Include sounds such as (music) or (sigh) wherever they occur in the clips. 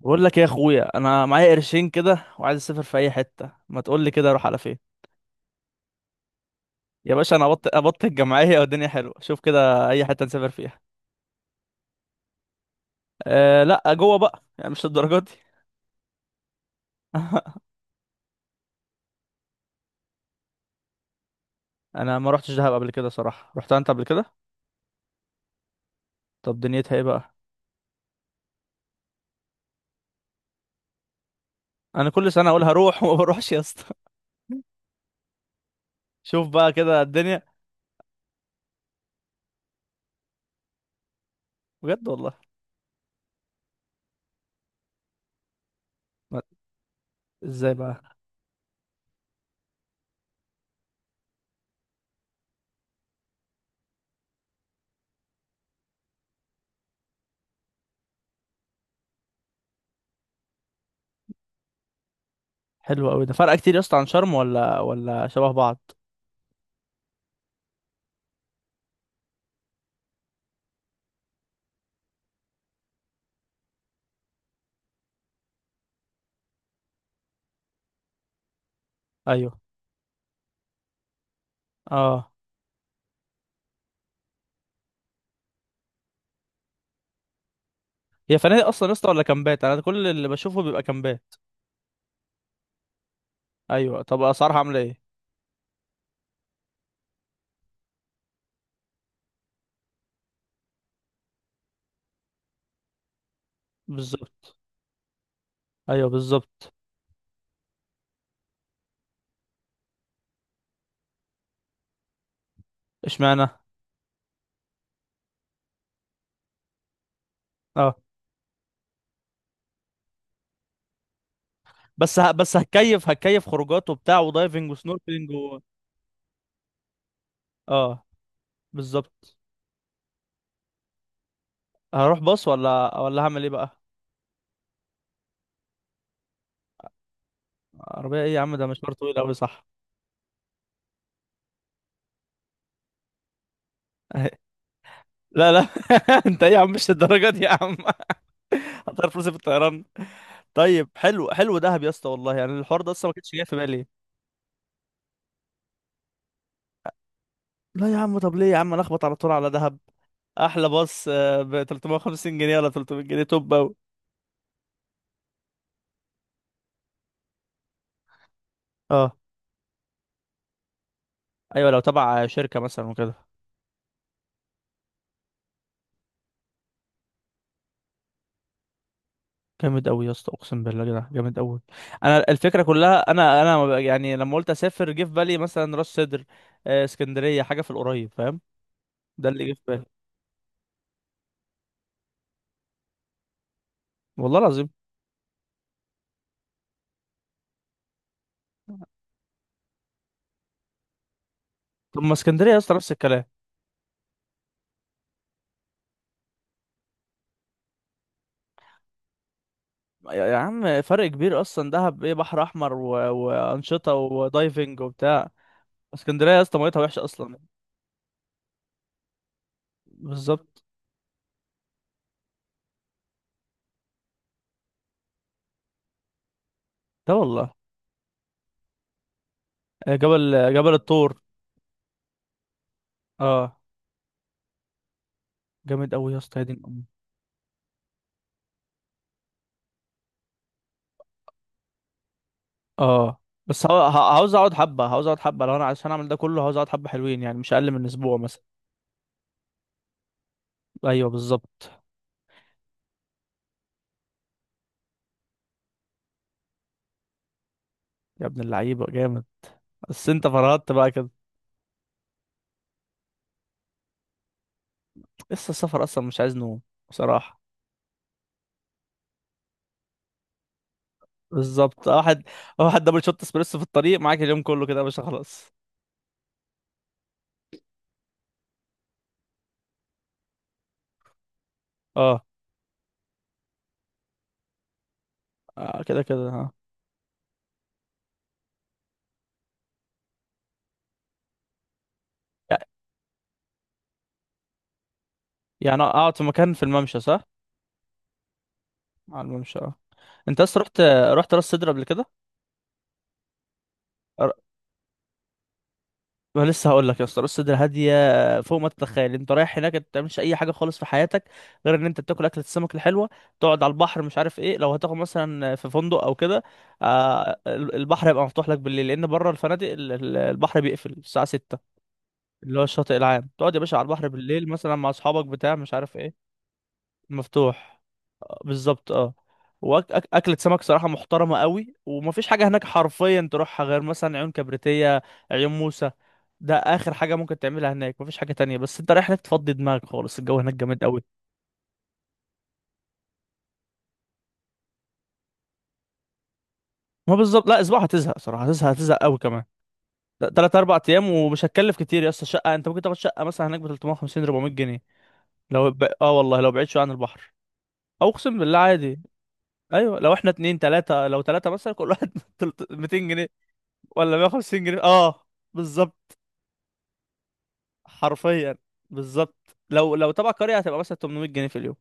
بقول لك إيه يا اخويا، انا معايا قرشين كده وعايز اسافر في اي حته. ما تقول لي كده اروح على فين؟ يا باشا انا ابط الجمعيه والدنيا حلوه. شوف كده اي حته نسافر فيها. أه لا، جوه بقى، يعني مش للدرجه دي. (laughs) انا ما روحتش دهب قبل كده صراحه، رحتها انت قبل كده؟ طب دنيتها ايه بقى؟ انا كل سنه اقول هروح وما بروحش يا اسطى. (laughs) شوف بقى كده الدنيا. بجد والله. ما- ازاي بقى؟ حلو قوي. ده فرق كتير يا اسطى عن شرم، ولا شبه بعض؟ ايوه. اه. هي فنادق اصلا يا اسطى ولا كامبات؟ انا كل اللي بشوفه بيبقى كامبات. ايوه طب اسعارها عامله ايه؟ بالظبط. ايوه بالظبط. اشمعنى؟ اه. بس هتكيف، هتكيف خروجات وبتاع ودايفنج وسنوركلينج اه بالظبط. هروح باص ولا هعمل ايه بقى؟ عربيه ايه يا عم؟ ده مشوار طويل قوي، صح؟ (laughs) أهي. لا لا. (laughs) انت ايه يا عم، مش الدرجه دي يا عم. (laughs) هتعرف فلوسي في الطيران. طيب حلو، حلو دهب يا اسطى والله، يعني الحوار ده اصلا ما كانش جاي في بالي. لا يا عم، طب ليه يا عم؟ انا اخبط على طول على دهب. احلى باص ب 350 جنيه ولا 300 جنيه، توب أوي. آه. ايوه لو تبع شركه مثلا وكده. جامد قوي يا اسطى، اقسم بالله كده جامد قوي. انا الفكره كلها، انا ما بق- يعني لما قلت اسافر جه في بالي مثلا راس سدر، اسكندريه، حاجه في القريب، فاهم. ده اللي جه في بالي. والله العظيم. طب ما اسكندريه يا اسطى نفس الكلام. يا عم فرق كبير اصلا، دهب ايه، بحر احمر وانشطه ودايفنج وبتاع. اسكندريه يا اسطى ميتها وحشه اصلا. بالظبط. ده والله. جبل الطور. اه. جامد قوي يا اسطى، يا دين أمي. اه بس عاوز اقعد حبه، عاوز اقعد حبه، لو انا عشان اعمل ده كله عاوز اقعد حبه حلوين، يعني مش اقل من اسبوع مثلا. ايوه بالظبط. يا ابن اللعيبه جامد. بس انت فرهدت بقى كده. لسه السفر اصلا مش عايز نوم، بصراحه. بالظبط. واحد دبل شوت اسبريسو في الطريق معاك، اليوم كله كده يا باشا، خلاص. اه. كده كده اه. يع- يعني اقعد في مكان في الممشى، صح؟ على الممشى اه. انت اصلا رحت، رحت راس سدر قبل كده؟ ما لسه هقول لك يا اسطى راس صدر هاديه فوق ما تتخيل. انت رايح هناك انت ما بتعملش اي حاجه خالص في حياتك، غير ان انت بتاكل اكله السمك الحلوه، تقعد على البحر، مش عارف ايه. لو هتاخد مثلا في فندق او كده، البحر هيبقى مفتوح لك بالليل، لان بره الفنادق البحر بيقفل الساعه 6، اللي هو الشاطئ العام، تقعد يا باشا على البحر بالليل مثلا مع اصحابك بتاع مش عارف ايه. مفتوح. بالظبط اه. واكلة سمك صراحة محترمة قوي. ومفيش حاجة هناك حرفيا تروحها غير مثلا عيون كبريتية، عيون موسى. ده اخر حاجة ممكن تعملها هناك، مفيش حاجة تانية، بس انت رايح هناك تفضي دماغك خالص، الجو هناك جامد قوي. ما بالظبط. لا اسبوع هتزهق صراحة، هتزهق، هتزهق قوي كمان. تلات اربع ايام ومش هتكلف كتير يا اسطى. شقة، انت ممكن تاخد شقة مثلا هناك ب 350 400 جنيه. لو اه والله لو بعيد شوية عن البحر، او اقسم بالله عادي. ايوه لو احنا اتنين تلاتة، لو تلاتة مثلا كل واحد، (laughs) 200 جنيه ولا 150 جنيه اه. بالظبط. حرفيا. بالظبط لو تبع قرية هتبقى مثلا 800 جنيه في اليوم.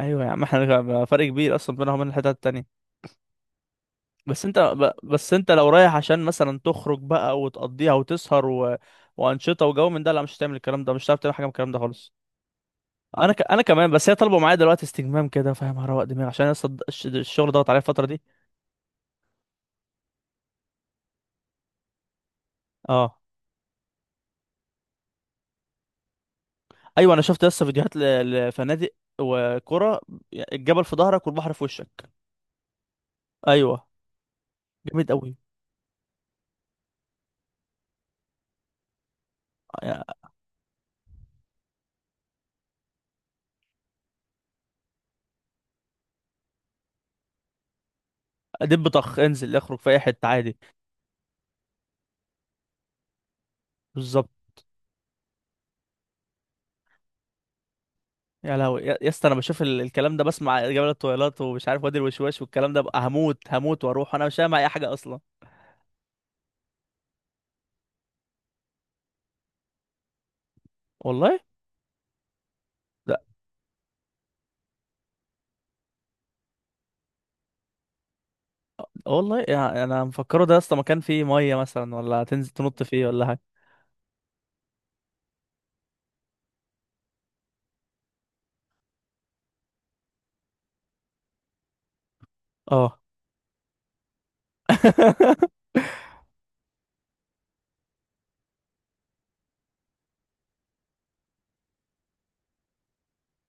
ايوه يا عم، احنا فرق كبير اصلا بينها وبين الحتت التانية. بس انت بس انت لو رايح عشان مثلا تخرج بقى وتقضيها وتسهر وانشطة وجو من ده، لا مش هتعمل الكلام ده، مش هتعرف تعمل حاجة من الكلام ده خالص. انا انا كمان، بس هي طالبه معايا دلوقتي استجمام كده، فاهم، هروق دماغي عشان لسه الشغل ضغط عليا الفترة دي. اه. ايوه انا شفت لسه فيديوهات لفنادق، وكرة، الجبل في ظهرك والبحر في وشك. ايوه. جامد قوي. ادب طخ، انزل اخرج في اي حته عادي. بالظبط. يا لهوي، يا اسطى انا بشوف الكلام ده، بسمع جبل الطويلات ومش عارف وادي الوشواش والكلام ده بقى، هموت، هموت واروح، انا مش فاهم اي حاجه اصلا. والله. لا والله، يعني انا مفكره ده يا اسطى مكان فيه ميه مثلا، ولا تنزل تنط فيه ولا حاجه. اه. (laughs)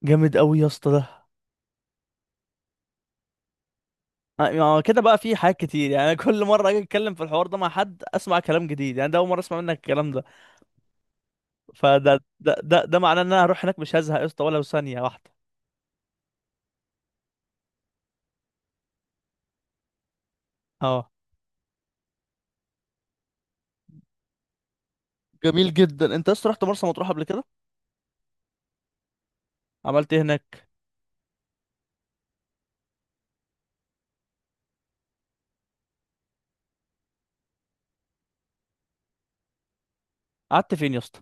جامد قوي يا اسطى ده. ما هو كده بقى، في حاجات كتير، يعني أنا كل مره اجي اتكلم في الحوار ده مع حد اسمع كلام جديد، يعني ده اول مره اسمع منك الكلام ده. فده ده معناه ان انا هروح هناك مش هزهق يا اسطى ولا ثانيه واحده. اه. جميل جدا. انت لسه رحت مرسى مطروح قبل كده؟ عملت ايه هناك؟ قعدت فين يا اسطى؟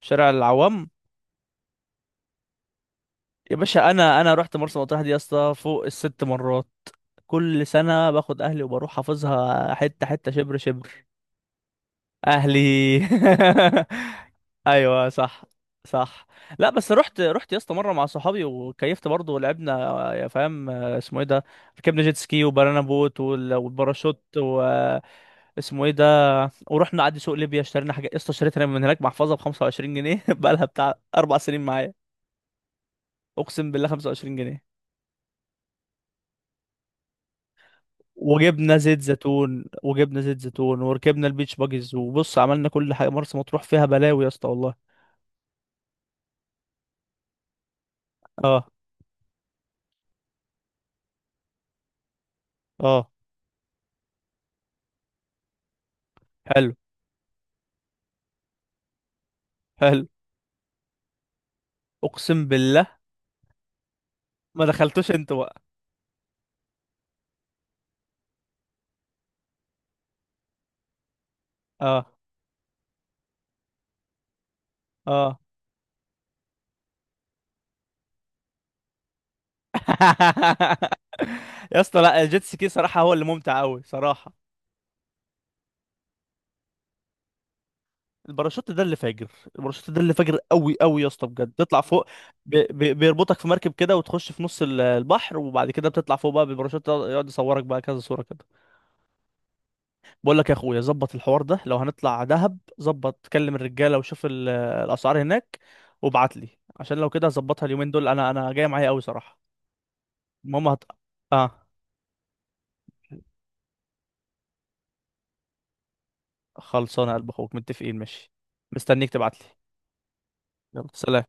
شارع العوام؟ يا باشا انا رحت مرسى مطروح دي يا اسطى فوق الست مرات، كل سنه باخد اهلي وبروح، حافظها حته حته شبر شبر. اهلي. (laughs) ايوه صح. صح. لا بس رحت، رحت يا اسطى مره مع صحابي وكيفت برضه ولعبنا يا فاهم، اسمه ايه ده، ركبنا جيت سكي وبنانا بوت والباراشوت، اسمه ايه ده، ورحنا نعدي سوق ليبيا، اشترينا حاجه يا اسطى، اشتريت انا من هناك محفظه ب 25 جنيه (laughs) بقى لها بتاع اربع سنين معايا. اقسم بالله 25 جنيه. وجبنا زيت زيتون، وجبنا زيت زيتون وركبنا البيتش باجز وبص عملنا كل حاجه، مرسى مطروح فيها بلاوي يا اسطى والله. اه. اه. حلو. حلو. اقسم بالله. ما دخلتوش انت بقى؟ اه. اه. (laughs) يا اسطى، لا الجيت سكي صراحه هو اللي ممتع قوي صراحه. الباراشوت ده اللي فاجر، الباراشوت ده اللي فاجر قوي قوي يا اسطى بجد، تطلع فوق، بي بيربطك في مركب كده وتخش في نص البحر، وبعد كده بتطلع فوق بقى بالباراشوت ده، يقعد يصورك بقى كذا صورة كده. بقول لك يا اخويا، ظبط الحوار ده، لو هنطلع دهب ظبط، كلم الرجالة وشوف الاسعار هناك وابعت لي، عشان لو كده هظبطها اليومين دول، انا جاي معايا قوي صراحة. المهم اه. خلصانه يا قلب اخوك، متفقين ماشي. مستنيك تبعت لي. يلا سلام.